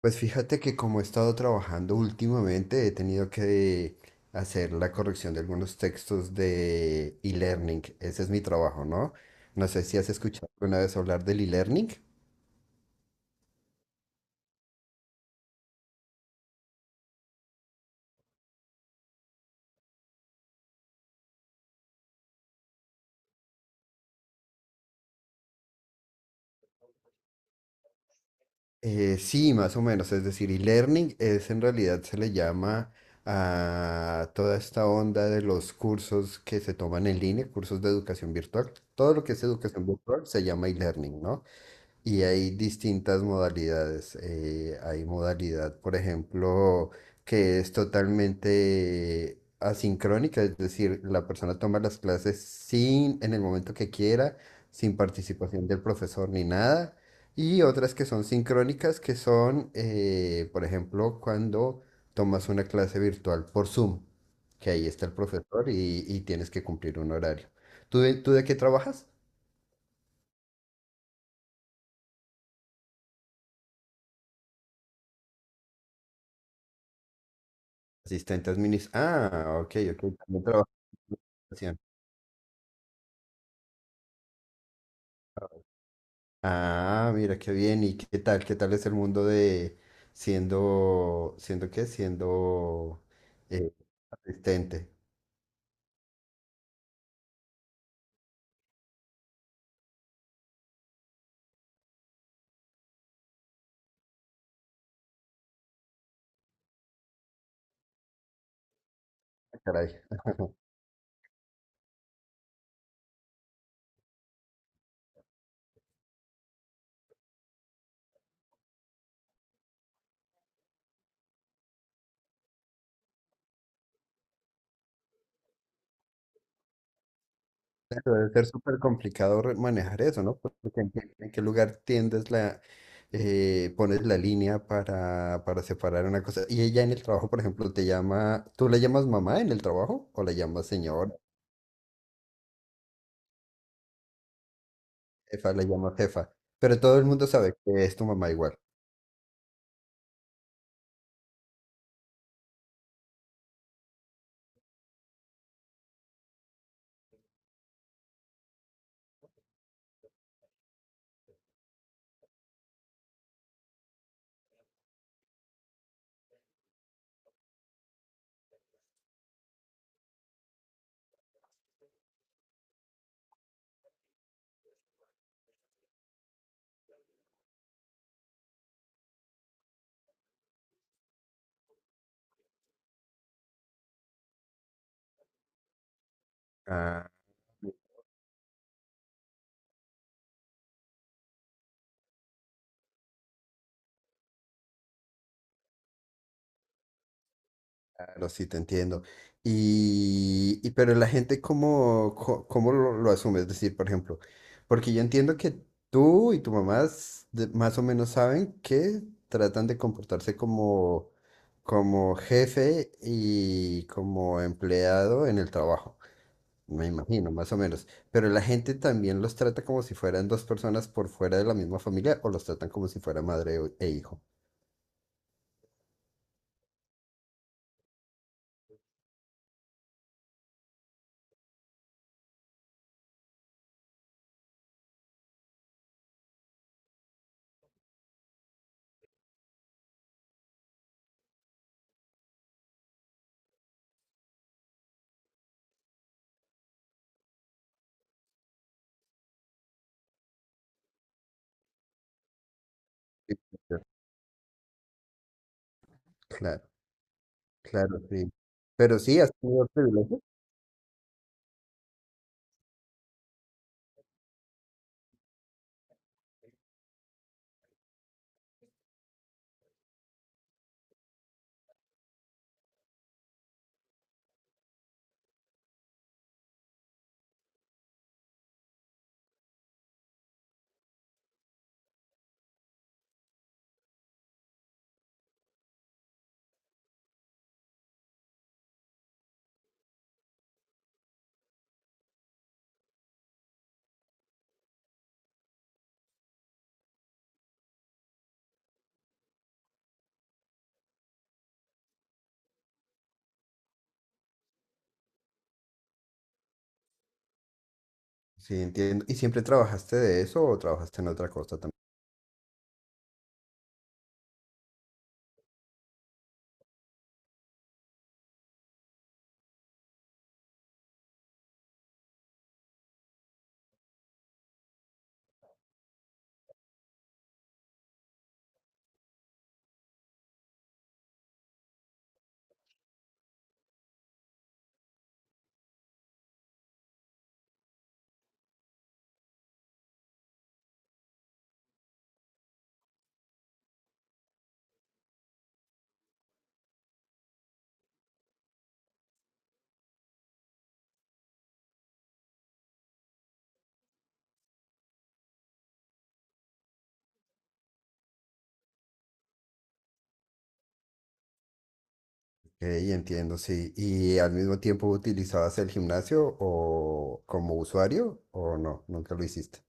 Pues fíjate que como he estado trabajando últimamente, he tenido que hacer la corrección de algunos textos de e-learning. Ese es mi trabajo, ¿no? No sé si has escuchado alguna vez hablar del e-learning. Sí, más o menos. Es decir, e-learning es en realidad se le llama a toda esta onda de los cursos que se toman en línea, cursos de educación virtual. Todo lo que es educación virtual se llama e-learning, ¿no? Y hay distintas modalidades. Hay modalidad, por ejemplo, que es totalmente asincrónica, es decir, la persona toma las clases sin, en el momento que quiera, sin participación del profesor ni nada. Y otras que son sincrónicas, que son, por ejemplo, cuando tomas una clase virtual por Zoom, que ahí está el profesor y tienes que cumplir un horario. ¿Tú de qué trabajas? Asistentes administrativa. Ah, ok, ok. También trabajo en administración. Ah, mira, qué bien. ¿Y qué tal? ¿Qué tal es el mundo de siendo qué? Siendo eh, asistente. Ah, caray. Debe ser súper complicado manejar eso, ¿no? Porque en qué lugar tiendes la, pones la línea para separar una cosa. Y ella en el trabajo, por ejemplo, te llama, ¿tú la llamas mamá en el trabajo o la llamas señora? Jefa, la llamo jefa. Pero todo el mundo sabe que es tu mamá igual. Ah, claro, sí, te entiendo. Y pero la gente, ¿cómo lo asume? Es decir, por ejemplo, porque yo entiendo que tú y tu mamá más o menos saben que tratan de comportarse como, como jefe y como empleado en el trabajo. Me imagino, más o menos. Pero la gente también los trata como si fueran dos personas por fuera de la misma familia o los tratan como si fuera madre e hijo. Sí, claro, claro, claro, sí. Pero sí, has tenido privilegios. Sí, entiendo. ¿Y siempre trabajaste de eso o trabajaste en otra cosa también? Ok, entiendo, sí. ¿Y al mismo tiempo utilizabas el gimnasio o como usuario o no? Nunca lo hiciste.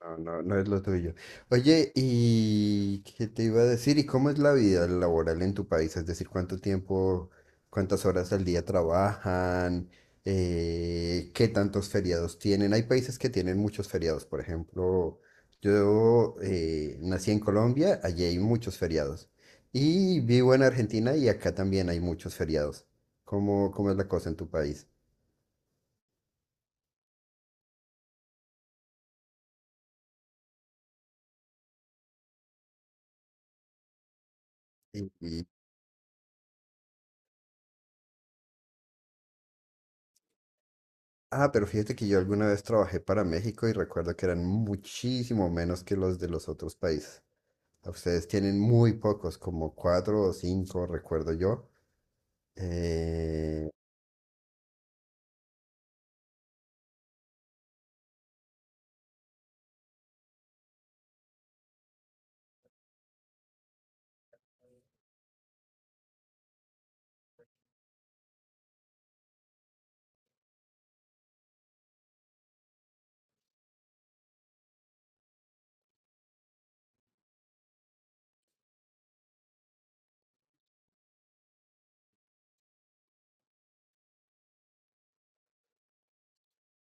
No, no, no es lo tuyo. Oye, ¿y qué te iba a decir? ¿Y cómo es la vida laboral en tu país? Es decir, ¿cuánto tiempo, cuántas horas al día trabajan? ¿Qué tantos feriados tienen? Hay países que tienen muchos feriados. Por ejemplo, yo nací en Colombia, allí hay muchos feriados. Y vivo en Argentina y acá también hay muchos feriados. ¿Cómo es la cosa en tu país? Y, y- Ah, pero fíjate que yo alguna vez trabajé para México y recuerdo que eran muchísimo menos que los de los otros países. Ustedes tienen muy pocos, como cuatro o cinco, recuerdo yo. Eh,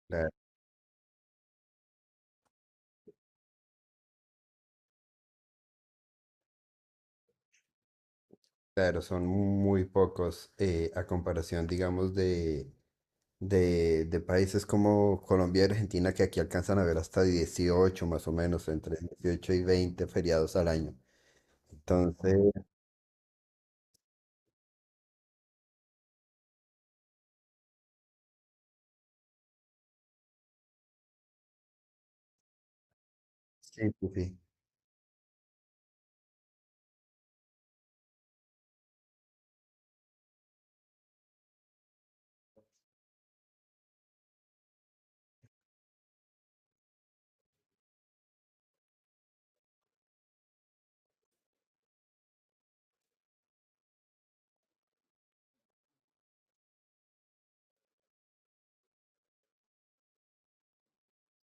cla- claro, son muy pocos a comparación, digamos, de países como Colombia y Argentina, que aquí alcanzan a ver hasta 18 más o menos, entre 18 y 20 feriados al año. Entonces, sí, sí, sí,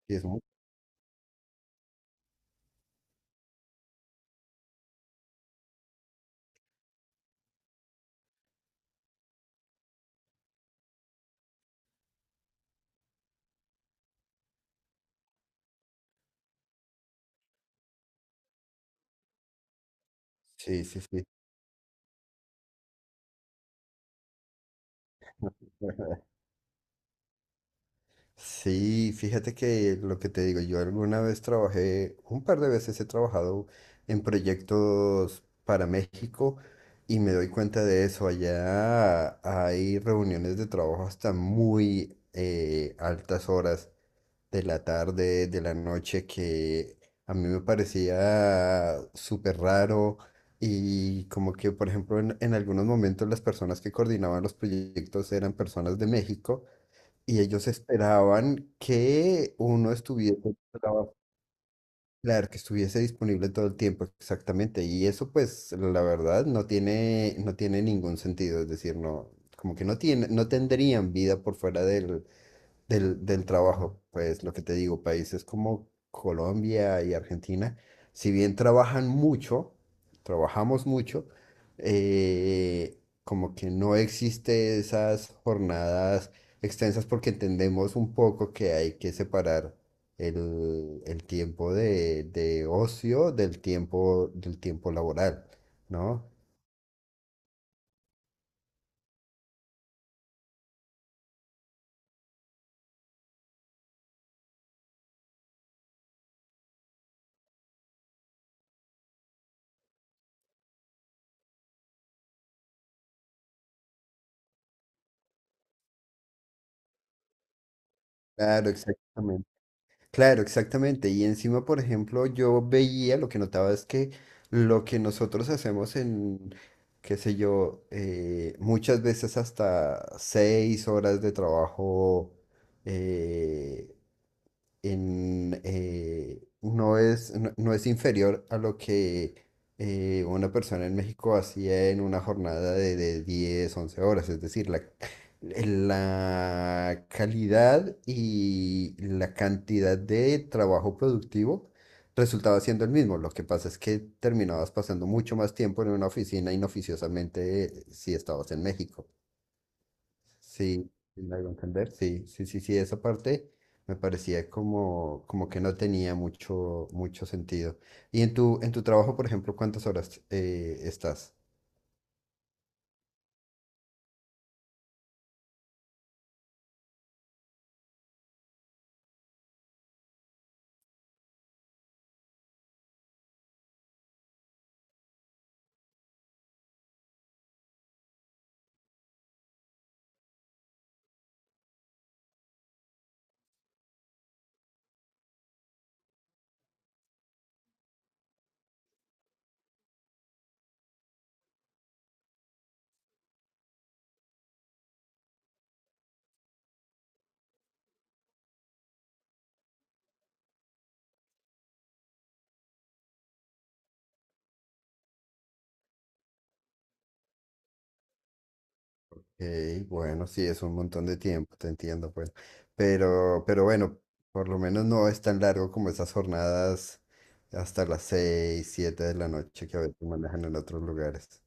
sí, sí, sí, sí. Sí, fíjate que lo que te digo, yo alguna vez trabajé, un par de veces he trabajado en proyectos para México y me doy cuenta de eso. Allá hay reuniones de trabajo hasta muy altas horas de la tarde, de la noche, que a mí me parecía súper raro y como que, por ejemplo, en algunos momentos las personas que coordinaban los proyectos eran personas de México y ellos esperaban que uno estuviese, traba- claro, que estuviese disponible todo el tiempo, exactamente. Y eso, pues, la verdad, no tiene ningún sentido. Es decir, no, como que no tiene, no tendrían vida por fuera del trabajo, pues lo que te digo, países como Colombia y Argentina, si bien trabajan mucho, trabajamos mucho, eh, como que no existe esas jornadas extensas porque entendemos un poco que hay que separar el tiempo de ocio del tiempo laboral, ¿no? Claro, exactamente. Claro, exactamente. Y encima, por ejemplo, yo veía, lo que notaba es que lo que nosotros hacemos en, qué sé yo, muchas veces hasta 6 horas de trabajo eh, en, no es inferior a lo que una persona en México hacía en una jornada de 10 u 11 horas. Es decir, la calidad y la cantidad de trabajo productivo resultaba siendo el mismo. Lo que pasa es que terminabas pasando mucho más tiempo en una oficina inoficiosamente si estabas en México. Sí, sí me hago entender. Sí, sí, sí, sí, esa parte me parecía como que no tenía mucho, mucho sentido. Y en tu trabajo, por ejemplo, ¿cuántas horas estás? Ok, bueno, sí, es un montón de tiempo, te entiendo, pues. Pero bueno, por lo menos no es tan largo como esas jornadas hasta las 6, 7 de la noche que a veces manejan en otros lugares.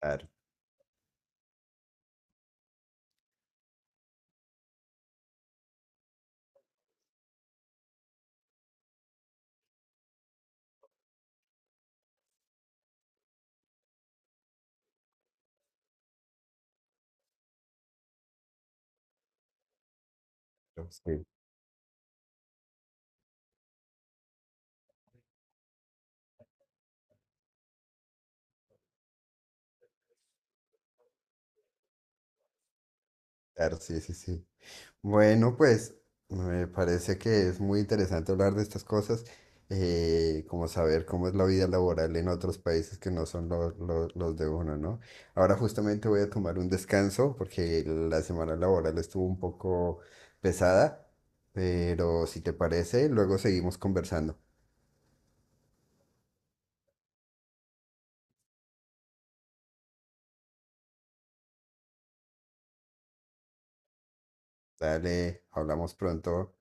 Claro, sí, claro, sí, sí, sí. Bueno, pues me parece que es muy interesante hablar de estas cosas, como saber cómo es la vida laboral en otros países que no son los de uno, ¿no? Ahora justamente voy a tomar un descanso porque la semana laboral estuvo un poco pesada, pero si te parece, luego seguimos conversando. Dale, hablamos pronto.